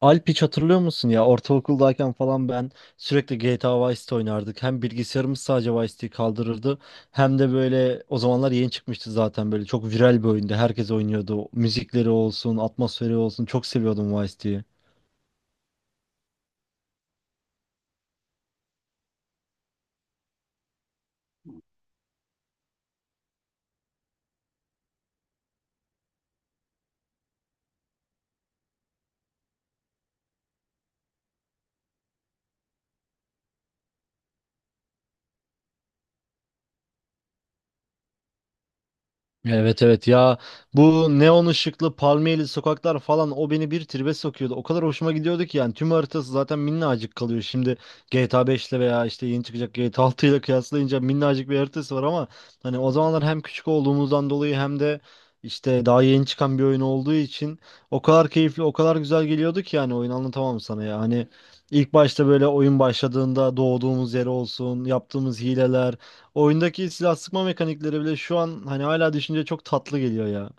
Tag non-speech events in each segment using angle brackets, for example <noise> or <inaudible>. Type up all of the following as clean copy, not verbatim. Alp, hiç hatırlıyor musun ya? Ortaokuldayken falan ben sürekli GTA Vice City oynardık. Hem bilgisayarımız sadece Vice City'yi kaldırırdı. Hem de böyle o zamanlar yeni çıkmıştı, zaten böyle çok viral bir oyundu. Herkes oynuyordu. Müzikleri olsun, atmosferi olsun, çok seviyordum Vice City'yi. Evet, evet ya, bu neon ışıklı palmiyeli sokaklar falan o beni bir tribe sokuyordu. O kadar hoşuma gidiyordu ki yani, tüm haritası zaten minnacık kalıyor. Şimdi GTA 5 ile veya işte yeni çıkacak GTA 6 ile kıyaslayınca minnacık bir haritası var ama hani o zamanlar hem küçük olduğumuzdan dolayı hem de işte daha yeni çıkan bir oyun olduğu için o kadar keyifli, o kadar güzel geliyordu ki yani oyun, anlatamam sana ya. Hani ilk başta böyle oyun başladığında doğduğumuz yer olsun, yaptığımız hileler, oyundaki silah sıkma mekanikleri bile şu an hani hala düşünce çok tatlı geliyor ya.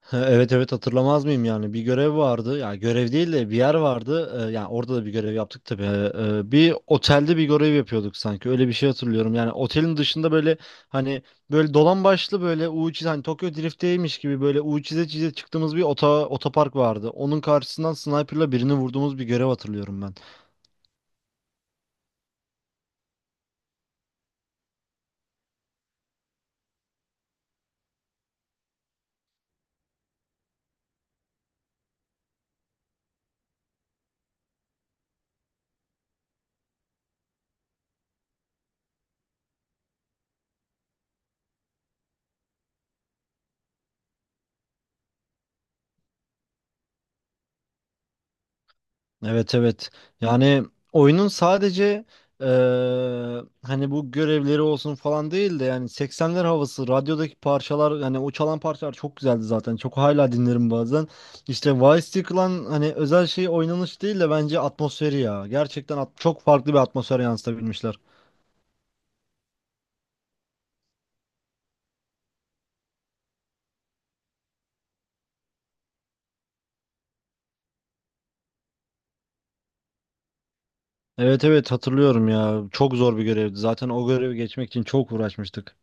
<laughs> Evet evet, hatırlamaz mıyım yani. Bir görev vardı ya, görev değil de bir yer vardı. Yani orada da bir görev yaptık tabii. Bir otelde bir görev yapıyorduk sanki, öyle bir şey hatırlıyorum. Yani otelin dışında böyle, hani böyle dolan başlı, böyle U çiz, hani Tokyo Drift'teymiş gibi böyle U çize çize çıktığımız bir otopark vardı, onun karşısından sniper'la birini vurduğumuz bir görev hatırlıyorum ben. Evet, evet. Yani oyunun sadece hani bu görevleri olsun falan değil de, yani 80'ler havası, radyodaki parçalar, yani o çalan parçalar çok güzeldi zaten. Çok, hala dinlerim bazen. İşte Vice City Clan, hani özel şey, oynanış değil de bence atmosferi ya. Gerçekten çok farklı bir atmosfer yansıtabilmişler. Evet evet, hatırlıyorum ya. Çok zor bir görevdi. Zaten o görevi geçmek için çok uğraşmıştık.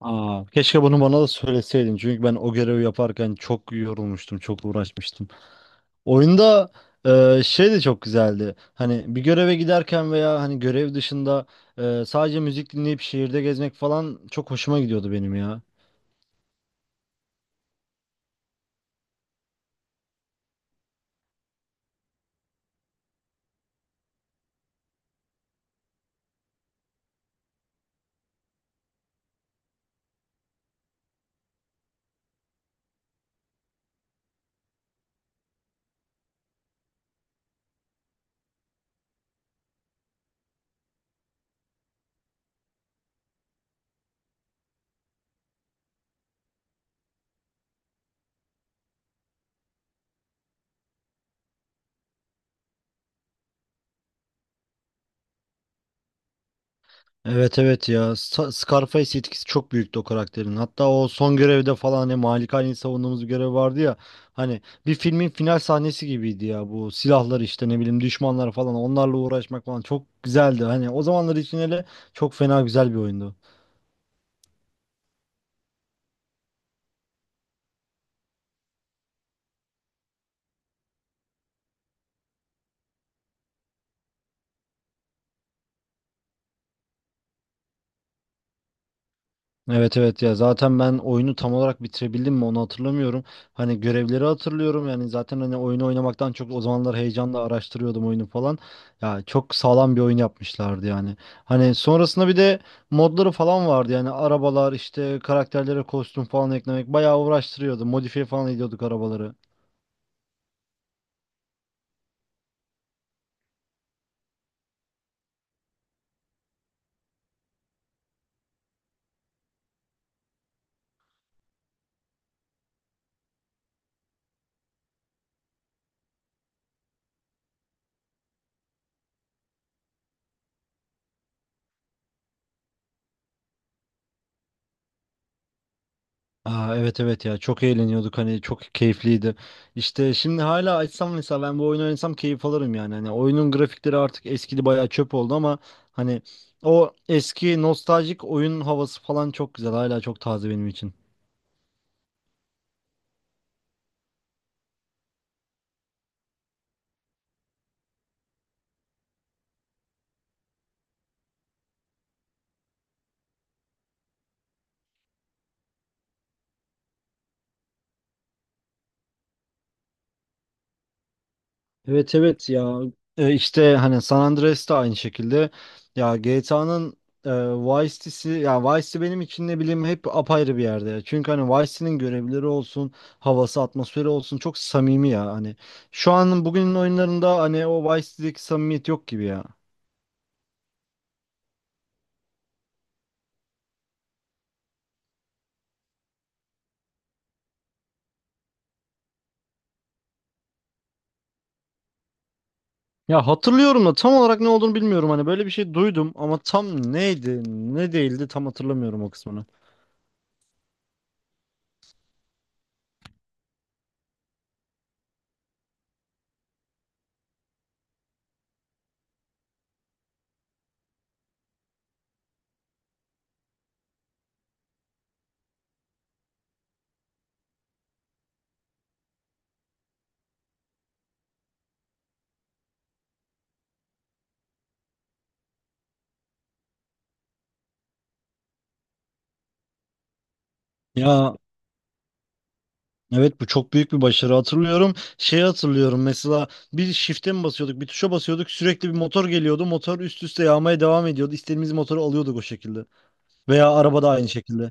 Aa, keşke bunu bana da söyleseydin. Çünkü ben o görevi yaparken çok yorulmuştum, çok uğraşmıştım. Oyunda şey de çok güzeldi. Hani bir göreve giderken veya hani görev dışında sadece müzik dinleyip şehirde gezmek falan çok hoşuma gidiyordu benim ya. Evet evet ya, Scarface etkisi çok büyüktü o karakterin. Hatta o son görevde falan hani Malikani'yi savunduğumuz bir görev vardı ya. Hani bir filmin final sahnesi gibiydi ya, bu silahlar, işte ne bileyim düşmanlar falan, onlarla uğraşmak falan çok güzeldi. Hani o zamanlar için hele çok fena güzel bir oyundu. Evet evet ya, zaten ben oyunu tam olarak bitirebildim mi onu hatırlamıyorum. Hani görevleri hatırlıyorum, yani zaten hani oyunu oynamaktan çok o zamanlar heyecanla araştırıyordum oyunu falan. Ya çok sağlam bir oyun yapmışlardı yani. Hani sonrasında bir de modları falan vardı, yani arabalar, işte karakterlere kostüm falan eklemek bayağı uğraştırıyordu. Modifiye falan ediyorduk arabaları. Aa, evet evet ya, çok eğleniyorduk, hani çok keyifliydi. İşte şimdi hala açsam mesela, ben bu oyunu oynasam keyif alırım yani. Hani oyunun grafikleri artık eskidi, bayağı çöp oldu ama hani o eski nostaljik oyun havası falan çok güzel, hala çok taze benim için. Evet evet ya. E, işte hani San Andreas da aynı şekilde, ya GTA'nın Vice City'si ya, Vice City benim için ne bileyim hep apayrı bir yerde ya. Çünkü hani Vice City'nin görevleri olsun, havası, atmosferi olsun çok samimi ya hani. Şu an bugünün oyunlarında hani o Vice City'deki samimiyet yok gibi ya. Ya hatırlıyorum da tam olarak ne olduğunu bilmiyorum, hani böyle bir şey duydum ama tam neydi ne değildi tam hatırlamıyorum o kısmını. Ya, evet, bu çok büyük bir başarı, hatırlıyorum. Şeyi hatırlıyorum mesela, bir shift'e mi basıyorduk bir tuşa basıyorduk, sürekli bir motor geliyordu. Motor üst üste yağmaya devam ediyordu. İstediğimiz motoru alıyorduk o şekilde. Veya araba da aynı şekilde.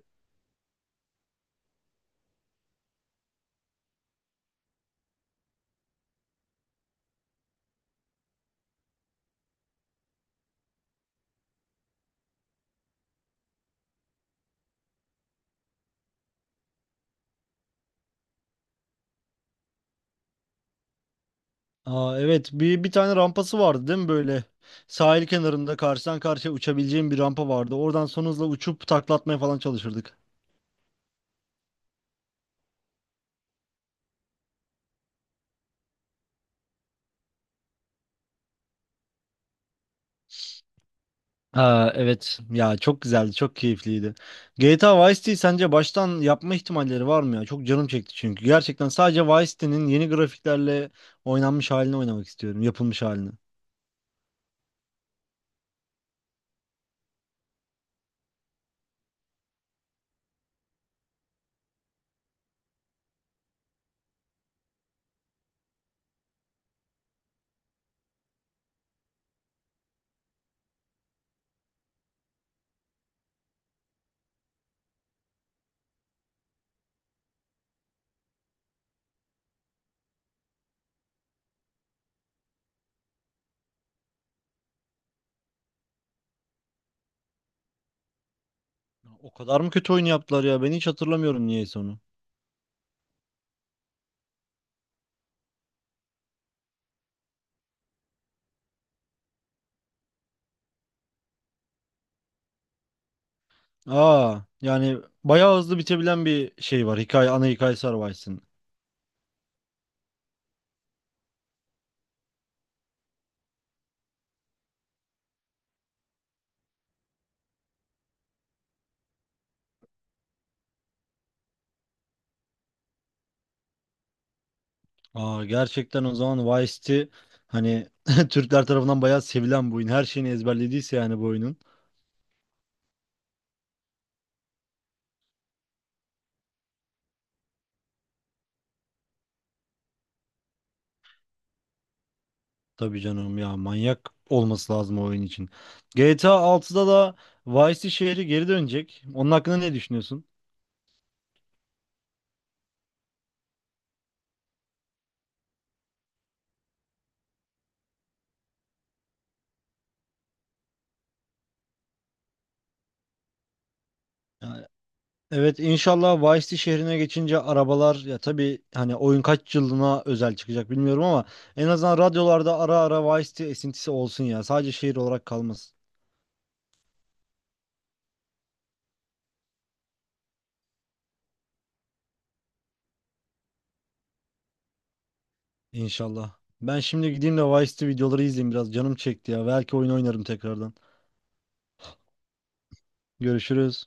Aa, evet, bir tane rampası vardı değil mi böyle? Sahil kenarında karşıdan karşıya uçabileceğim bir rampa vardı. Oradan son hızla uçup taklatmaya falan çalışırdık. Aa, evet ya, çok güzeldi, çok keyifliydi. GTA Vice City sence baştan yapma ihtimalleri var mı ya? Çok canım çekti çünkü. Gerçekten sadece Vice City'nin yeni grafiklerle oynanmış halini oynamak istiyorum. Yapılmış halini. O kadar mı kötü oyun yaptılar ya? Ben hiç hatırlamıyorum niyeyse onu. Aa, yani bayağı hızlı bitebilen bir şey var. Hikaye, ana hikayesi var Vice City'nin. Aa, gerçekten o zaman Vice City, hani <laughs> Türkler tarafından bayağı sevilen bu oyun. Her şeyini ezberlediyse yani bu oyunun. Tabii canım ya, manyak olması lazım o oyun için. GTA 6'da da Vice City şehri geri dönecek. Onun hakkında ne düşünüyorsun? Yani, evet, inşallah Vice City şehrine geçince arabalar, ya tabii hani oyun kaç yılına özel çıkacak bilmiyorum ama en azından radyolarda ara ara Vice City esintisi olsun ya. Sadece şehir olarak kalmasın inşallah. Ben şimdi gideyim de Vice City videoları izleyeyim, biraz canım çekti ya. Belki oyun oynarım tekrardan. Görüşürüz.